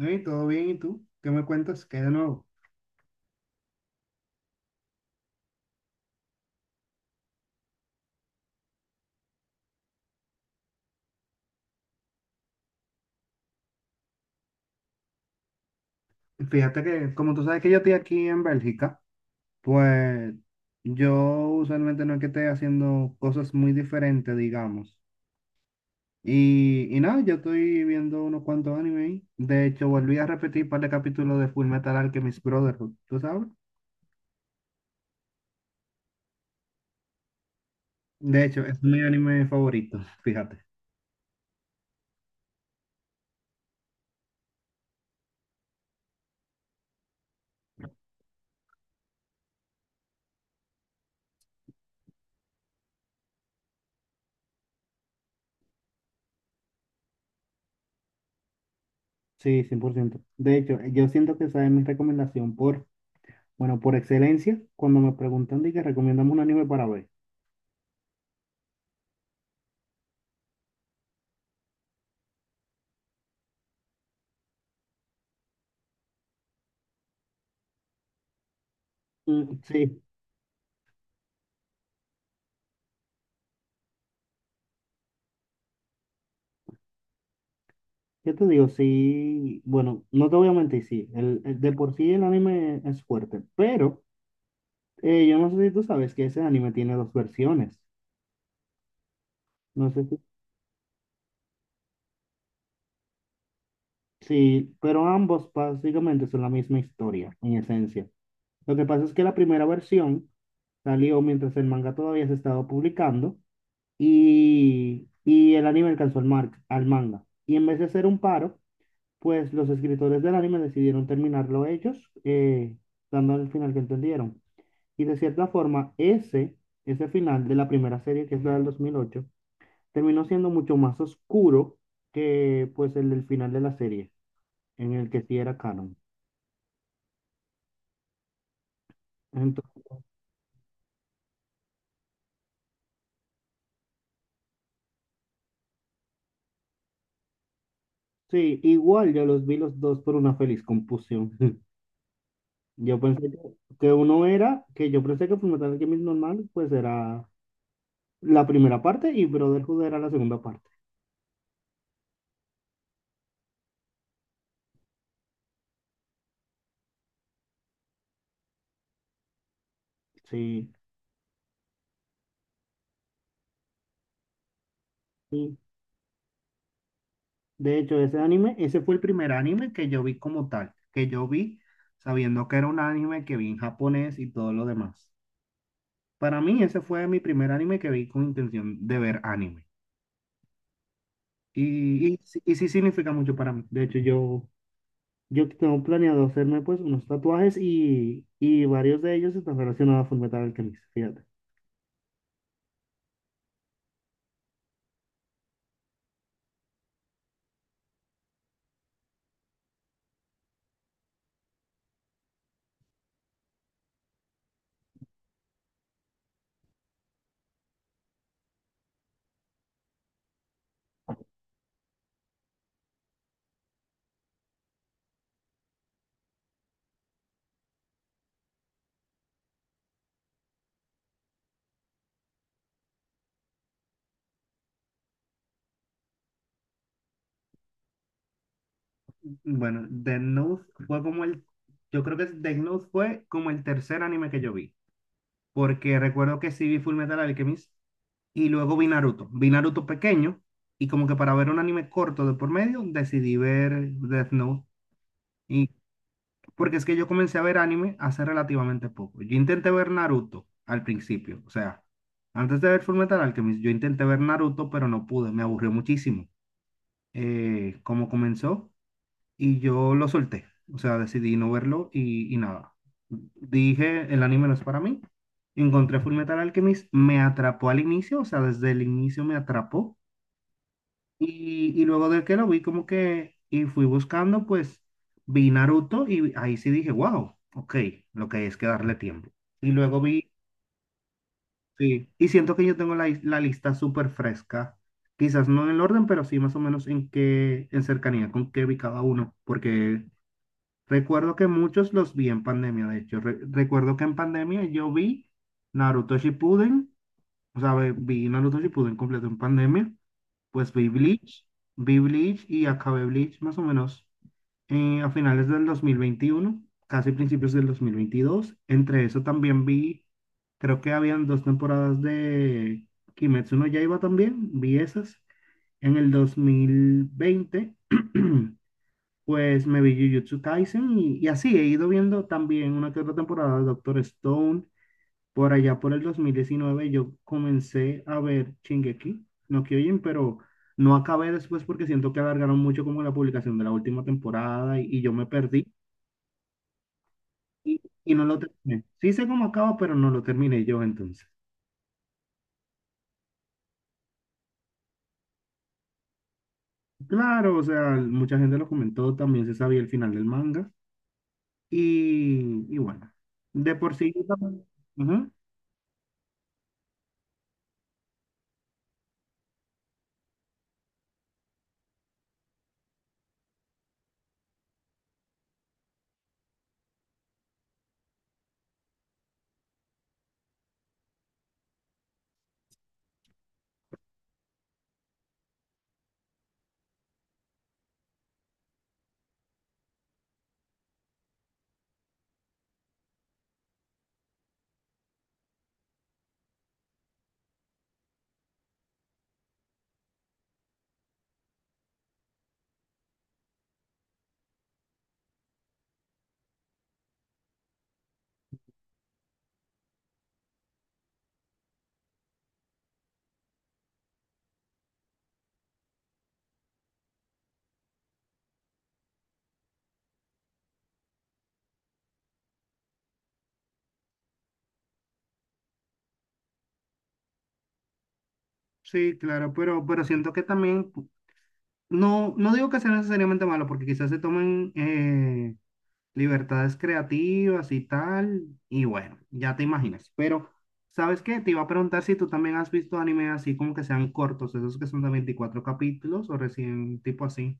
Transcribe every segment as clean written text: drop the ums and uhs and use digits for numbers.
Ey, todo bien, ¿y tú? ¿Qué me cuentas? ¿Qué hay de nuevo? Fíjate que, como tú sabes que yo estoy aquí en Bélgica, pues yo usualmente no es que esté haciendo cosas muy diferentes, digamos. Y nada, yo estoy viendo unos cuantos anime ahí. De hecho, volví a repetir un par de capítulos de Full Metal Alchemist Brotherhood, ¿tú sabes? De hecho, es mi anime favorito, fíjate. Sí, 100%. De hecho, yo siento que esa es mi recomendación por, bueno, por excelencia, cuando me preguntan de que recomendamos un anime para ver. Mm, sí. Yo te digo, sí, bueno, no te voy a mentir, sí, el de por sí el anime es fuerte, pero yo no sé si tú sabes que ese anime tiene dos versiones, no sé si, sí, pero ambos básicamente son la misma historia, en esencia. Lo que pasa es que la primera versión salió mientras el manga todavía se estaba publicando y el anime alcanzó al manga. Y en vez de hacer un paro, pues los escritores del anime decidieron terminarlo ellos, dando el final que entendieron. Y de cierta forma, ese final de la primera serie, que es la del 2008, terminó siendo mucho más oscuro que pues el del final de la serie, en el que sí era canon. Entonces, sí, igual yo los vi los dos por una feliz confusión. Yo pensé que uno era, que yo pensé que Fullmetal Alchemist normal, pues era la primera parte y Brotherhood era la segunda parte. Sí, sí. De hecho, ese anime, ese fue el primer anime que yo vi como tal, que yo vi sabiendo que era un anime que vi en japonés y todo lo demás. Para mí, ese fue mi primer anime que vi con intención de ver anime. Y sí, significa mucho para mí. De hecho, yo tengo planeado hacerme pues unos tatuajes y varios de ellos están relacionados a Fullmetal Alchemist, fíjate. Bueno, Death Note fue como el, yo creo que Death Note fue como el tercer anime que yo vi, porque recuerdo que sí vi Full Metal Alchemist y luego vi Naruto. Vi Naruto pequeño y como que para ver un anime corto de por medio decidí ver Death Note. Y porque es que yo comencé a ver anime hace relativamente poco. Yo intenté ver Naruto al principio, o sea, antes de ver Full Metal Alchemist, yo intenté ver Naruto, pero no pude, me aburrió muchísimo. ¿Cómo comenzó? Y yo lo solté. O sea, decidí no verlo y nada. Dije, el anime no es para mí. Encontré Fullmetal Alchemist, me atrapó al inicio, o sea, desde el inicio me atrapó. Y luego de que lo vi como que, y fui buscando, pues vi Naruto y ahí sí dije, wow, ok, lo que hay es que darle tiempo. Y luego vi, sí, y siento que yo tengo la, la lista súper fresca, quizás no en el orden, pero sí más o menos en qué, en cercanía con qué vi cada uno, porque recuerdo que muchos los vi en pandemia, de hecho. Recuerdo que en pandemia yo vi Naruto Shippuden, o sea, vi Naruto Shippuden completo en pandemia, pues vi Bleach y acabé Bleach más o menos a finales del 2021, casi principios del 2022. Entre eso también vi, creo que habían dos temporadas de Kimetsu no Yaiba también, vi esas en el 2020. Pues me vi Jujutsu Kaisen y así he ido viendo también una que otra temporada de Doctor Stone. Por allá por el 2019 yo comencé a ver Shingeki no Kyojin, pero no acabé después porque siento que alargaron mucho como la publicación de la última temporada y yo me perdí y no lo terminé. Sí sé cómo acaba, pero no lo terminé yo entonces. Claro, o sea, mucha gente lo comentó, también se sabía el final del manga y bueno, de por sí yo también. Ujú. Sí, claro, pero siento que también, pu- no, no digo que sea necesariamente malo, porque quizás se tomen libertades creativas y tal, y bueno, ya te imaginas. Pero, ¿sabes qué? Te iba a preguntar si tú también has visto anime así como que sean cortos, esos que son de 24 capítulos o recién tipo así.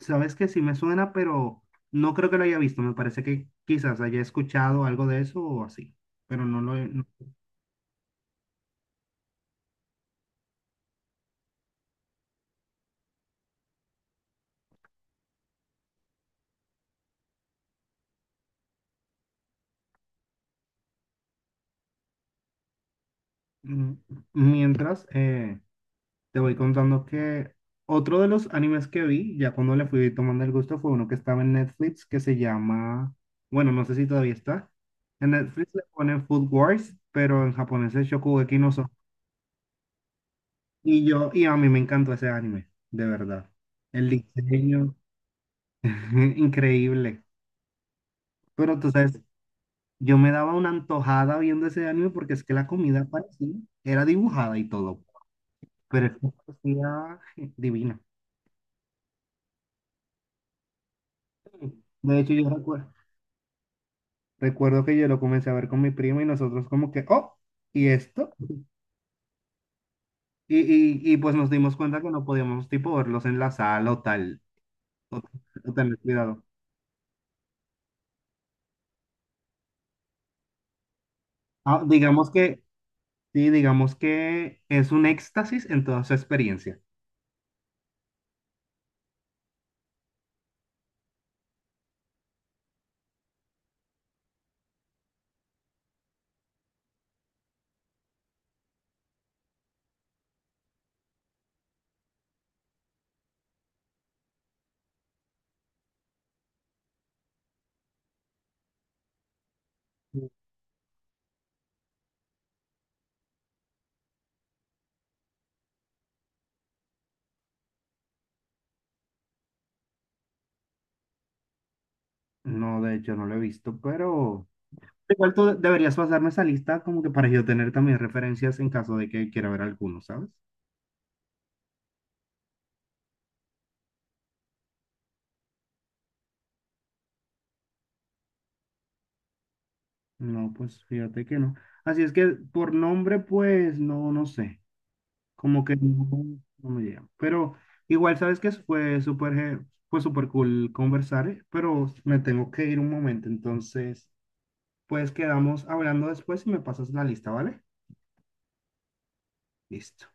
Sabes que sí me suena, pero no creo que lo haya visto. Me parece que quizás haya escuchado algo de eso o así, pero no lo he... no- mm, mientras, te voy contando que otro de los animes que vi, ya cuando le fui tomando el gusto, fue uno que estaba en Netflix que se llama, bueno, no sé si todavía está. En Netflix le ponen Food Wars, pero en japonés es Shokugeki no Soma. Y yo, y a mí me encantó ese anime, de verdad. El diseño, increíble. Pero tú sabes, yo me daba una antojada viendo ese anime porque es que la comida parecía, era dibujada y todo, pero es que parecía divina. De hecho, yo recuerdo. Recuerdo que yo lo comencé a ver con mi primo y nosotros como que, oh, ¿y esto? Y pues nos dimos cuenta que no podíamos tipo verlos en la sala o tal, o, o tener cuidado. Ah, digamos que, sí, digamos que es un éxtasis en toda su experiencia. No, de hecho no lo he visto, pero igual tú deberías pasarme esa lista como que para yo tener también referencias en caso de que quiera ver alguno, ¿sabes? No, pues fíjate que no. Así es que por nombre, pues no, no sé. Como que no, no me llega. Pero igual, sabes que fue súper, fue súper cool conversar, pero me tengo que ir un momento. Entonces, pues quedamos hablando después y me pasas la lista, ¿vale? Listo.